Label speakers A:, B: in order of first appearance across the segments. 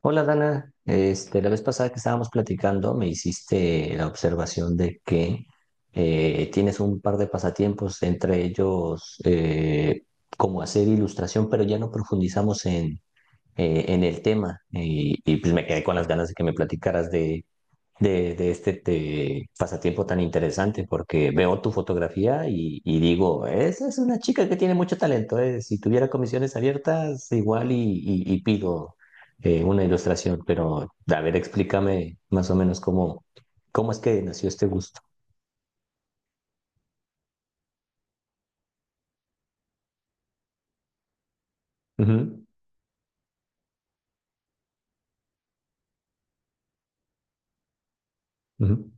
A: Hola Dana, la vez pasada que estábamos platicando me hiciste la observación de que tienes un par de pasatiempos, entre ellos como hacer ilustración, pero ya no profundizamos en el tema y pues me quedé con las ganas de que me platicaras de este pasatiempo tan interesante porque veo tu fotografía y digo, esa es una chica que tiene mucho talento, eh. Si tuviera comisiones abiertas, igual y pido una ilustración, pero a ver, explícame más o menos cómo es que nació este gusto. Ujú, ujú.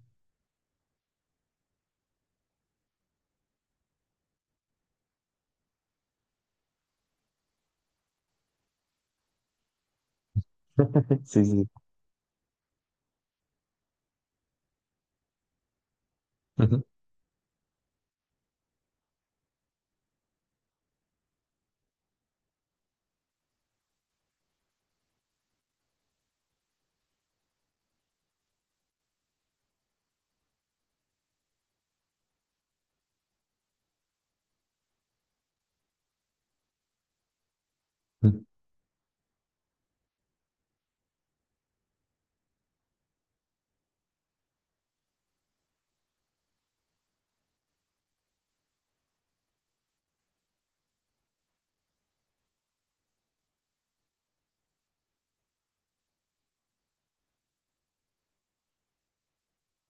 A: Sí, sí. Ujú, ujú.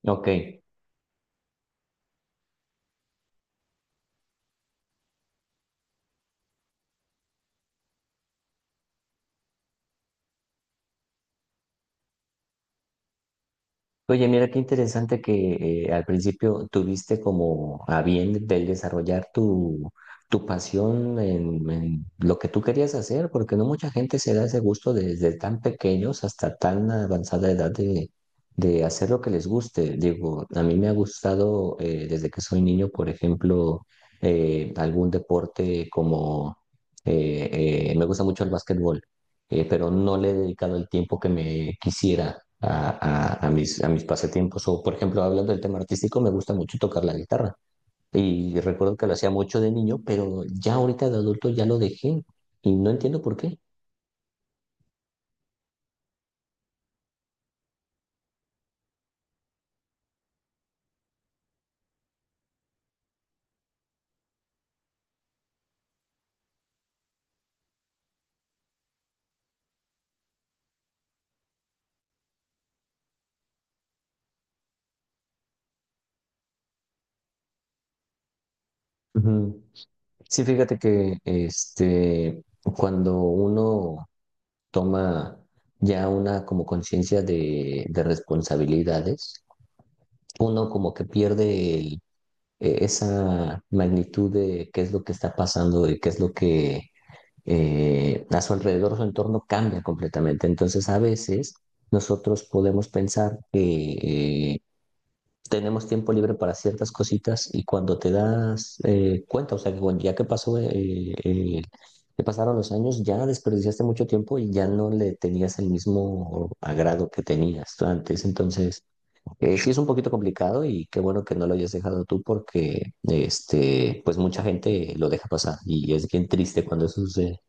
A: Ok. Oye, mira qué interesante que al principio tuviste como a bien del desarrollar tu pasión en lo que tú querías hacer, porque no mucha gente se da ese gusto desde tan pequeños hasta tan avanzada edad de hacer lo que les guste. Digo, a mí me ha gustado desde que soy niño, por ejemplo, algún deporte como me gusta mucho el básquetbol, pero no le he dedicado el tiempo que me quisiera a mis pasatiempos. O, por ejemplo, hablando del tema artístico, me gusta mucho tocar la guitarra. Y recuerdo que lo hacía mucho de niño, pero ya ahorita de adulto ya lo dejé y no entiendo por qué. Ujú. Sí, fíjate que cuando uno toma ya una como conciencia de responsabilidades, uno como que pierde esa magnitud de qué es lo que está pasando y qué es lo que a su alrededor, su entorno cambia completamente. Entonces, a veces nosotros podemos pensar que tenemos tiempo libre para ciertas cositas y cuando te das cuenta, o sea, que ya que pasó, eh, que pasaron los años, ya desperdiciaste mucho tiempo y ya no le tenías el mismo agrado que tenías tú antes. Entonces, sí es un poquito complicado y qué bueno que no lo hayas dejado tú porque pues mucha gente lo deja pasar y es bien triste cuando eso sucede.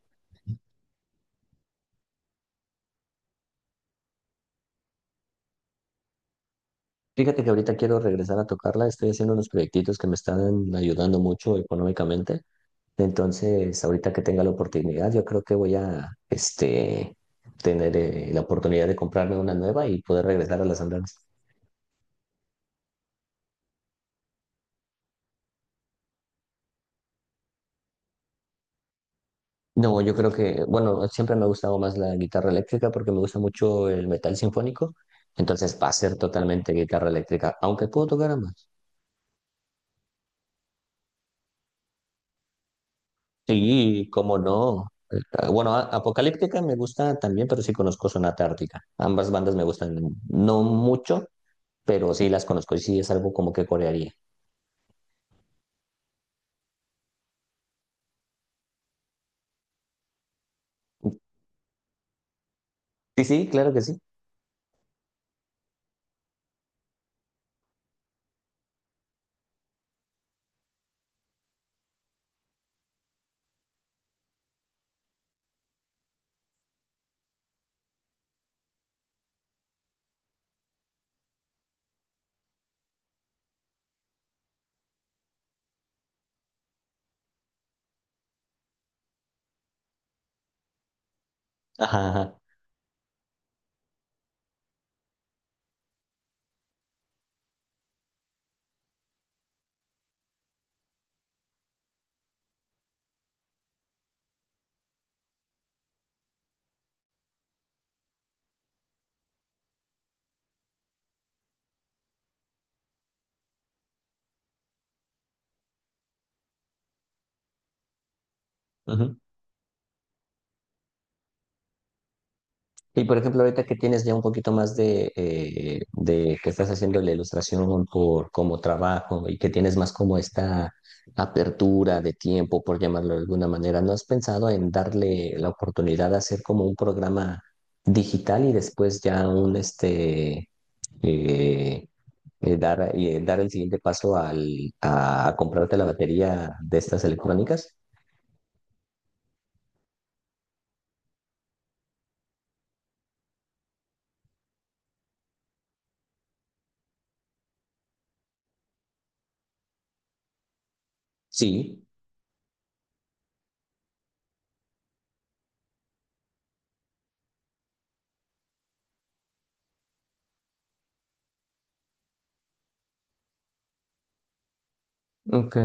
A: Fíjate que ahorita quiero regresar a tocarla, estoy haciendo unos proyectitos que me están ayudando mucho económicamente, entonces ahorita que tenga la oportunidad yo creo que voy a tener la oportunidad de comprarme una nueva y poder regresar a las andadas. No, yo creo que, bueno, siempre me ha gustado más la guitarra eléctrica porque me gusta mucho el metal sinfónico, entonces va a ser totalmente guitarra eléctrica, aunque puedo tocar ambas. Sí, cómo no. Bueno, Apocalíptica me gusta también, pero sí conozco Sonata Ártica. Ambas bandas me gustan, no mucho, pero sí las conozco y sí es algo como que corearía. Sí, sí, claro que sí. Ajá, ajá. Ujú. Y por ejemplo, ahorita que tienes ya un poquito más de que estás haciendo la ilustración por como trabajo y que tienes más como esta apertura de tiempo, por llamarlo de alguna manera, ¿no has pensado en darle la oportunidad de hacer como un programa digital y después ya un eh, dar el siguiente paso a comprarte la batería de estas electrónicas? Sí. Ok.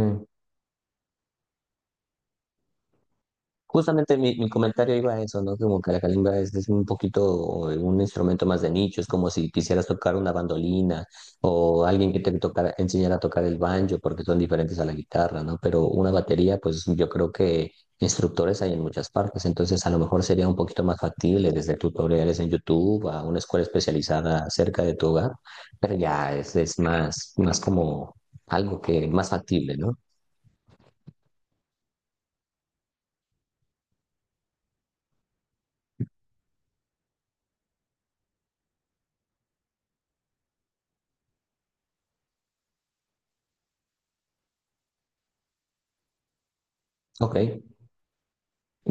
A: Justamente mi comentario iba a eso, ¿no? Como que la calimba es un poquito un instrumento más de nicho, es como si quisieras tocar una bandolina o alguien que te enseñara a tocar el banjo, porque son diferentes a la guitarra, ¿no? Pero una batería, pues yo creo que instructores hay en muchas partes, entonces a lo mejor sería un poquito más factible desde tutoriales en YouTube a una escuela especializada cerca de tu hogar, pero ya es más, más como algo que más factible, ¿no? Ok.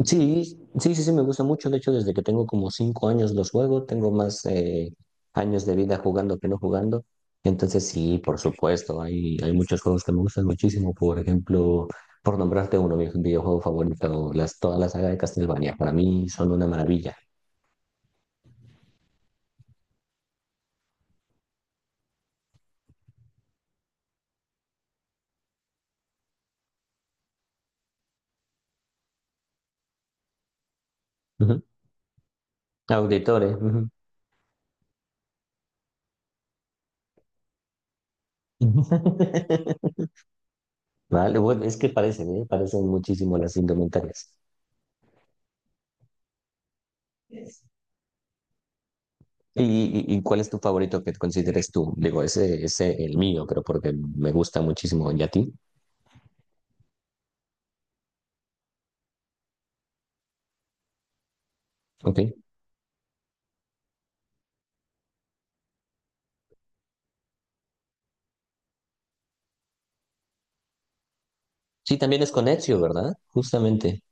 A: Sí, sí, sí, sí, me gusta mucho. De hecho, desde que tengo como 5 años los juego, tengo más años de vida jugando que no jugando. Entonces, sí, por supuesto, hay muchos juegos que me gustan muchísimo. Por ejemplo, por nombrarte uno, mi videojuego favorito, toda la saga de Castlevania, para mí son una maravilla. Ujú. Auditores. Ujú. Vale, bueno, es que parecen, ¿eh? Parecen muchísimo las indumentarias. ¿Y, y cuál es tu favorito que consideres tú? Digo, ese es el mío, pero porque me gusta muchísimo. ¿Y a ti? Ok. Sí, también es con Ezio, ¿verdad? Justamente.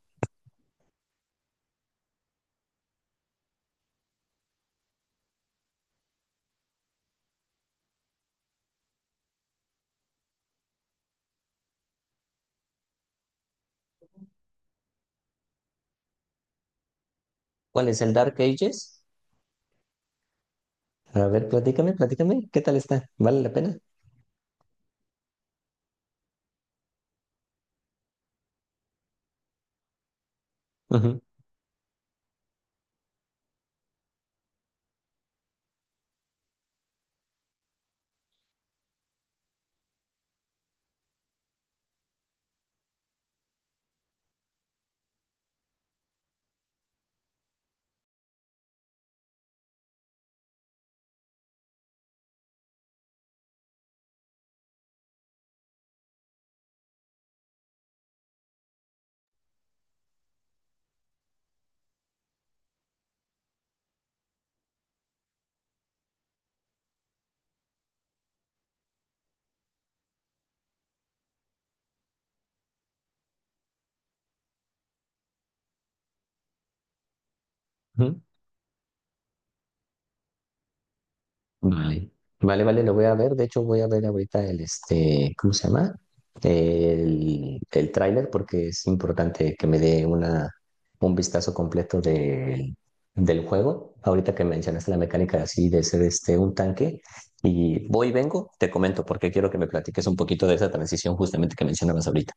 A: ¿Cuál es el Dark Ages? A ver, platícame, platícame. ¿Qué tal está? ¿Vale la pena? Ujú, ujú. Vale, vale, vale, lo voy a ver. De hecho, voy a ver ahorita este, ¿cómo se llama? El tráiler porque es importante que me dé una, un vistazo completo del juego. Ahorita que mencionaste la mecánica así de ser este, un tanque. Y voy y vengo, te comento porque quiero que me platiques un poquito de esa transición justamente que mencionabas ahorita.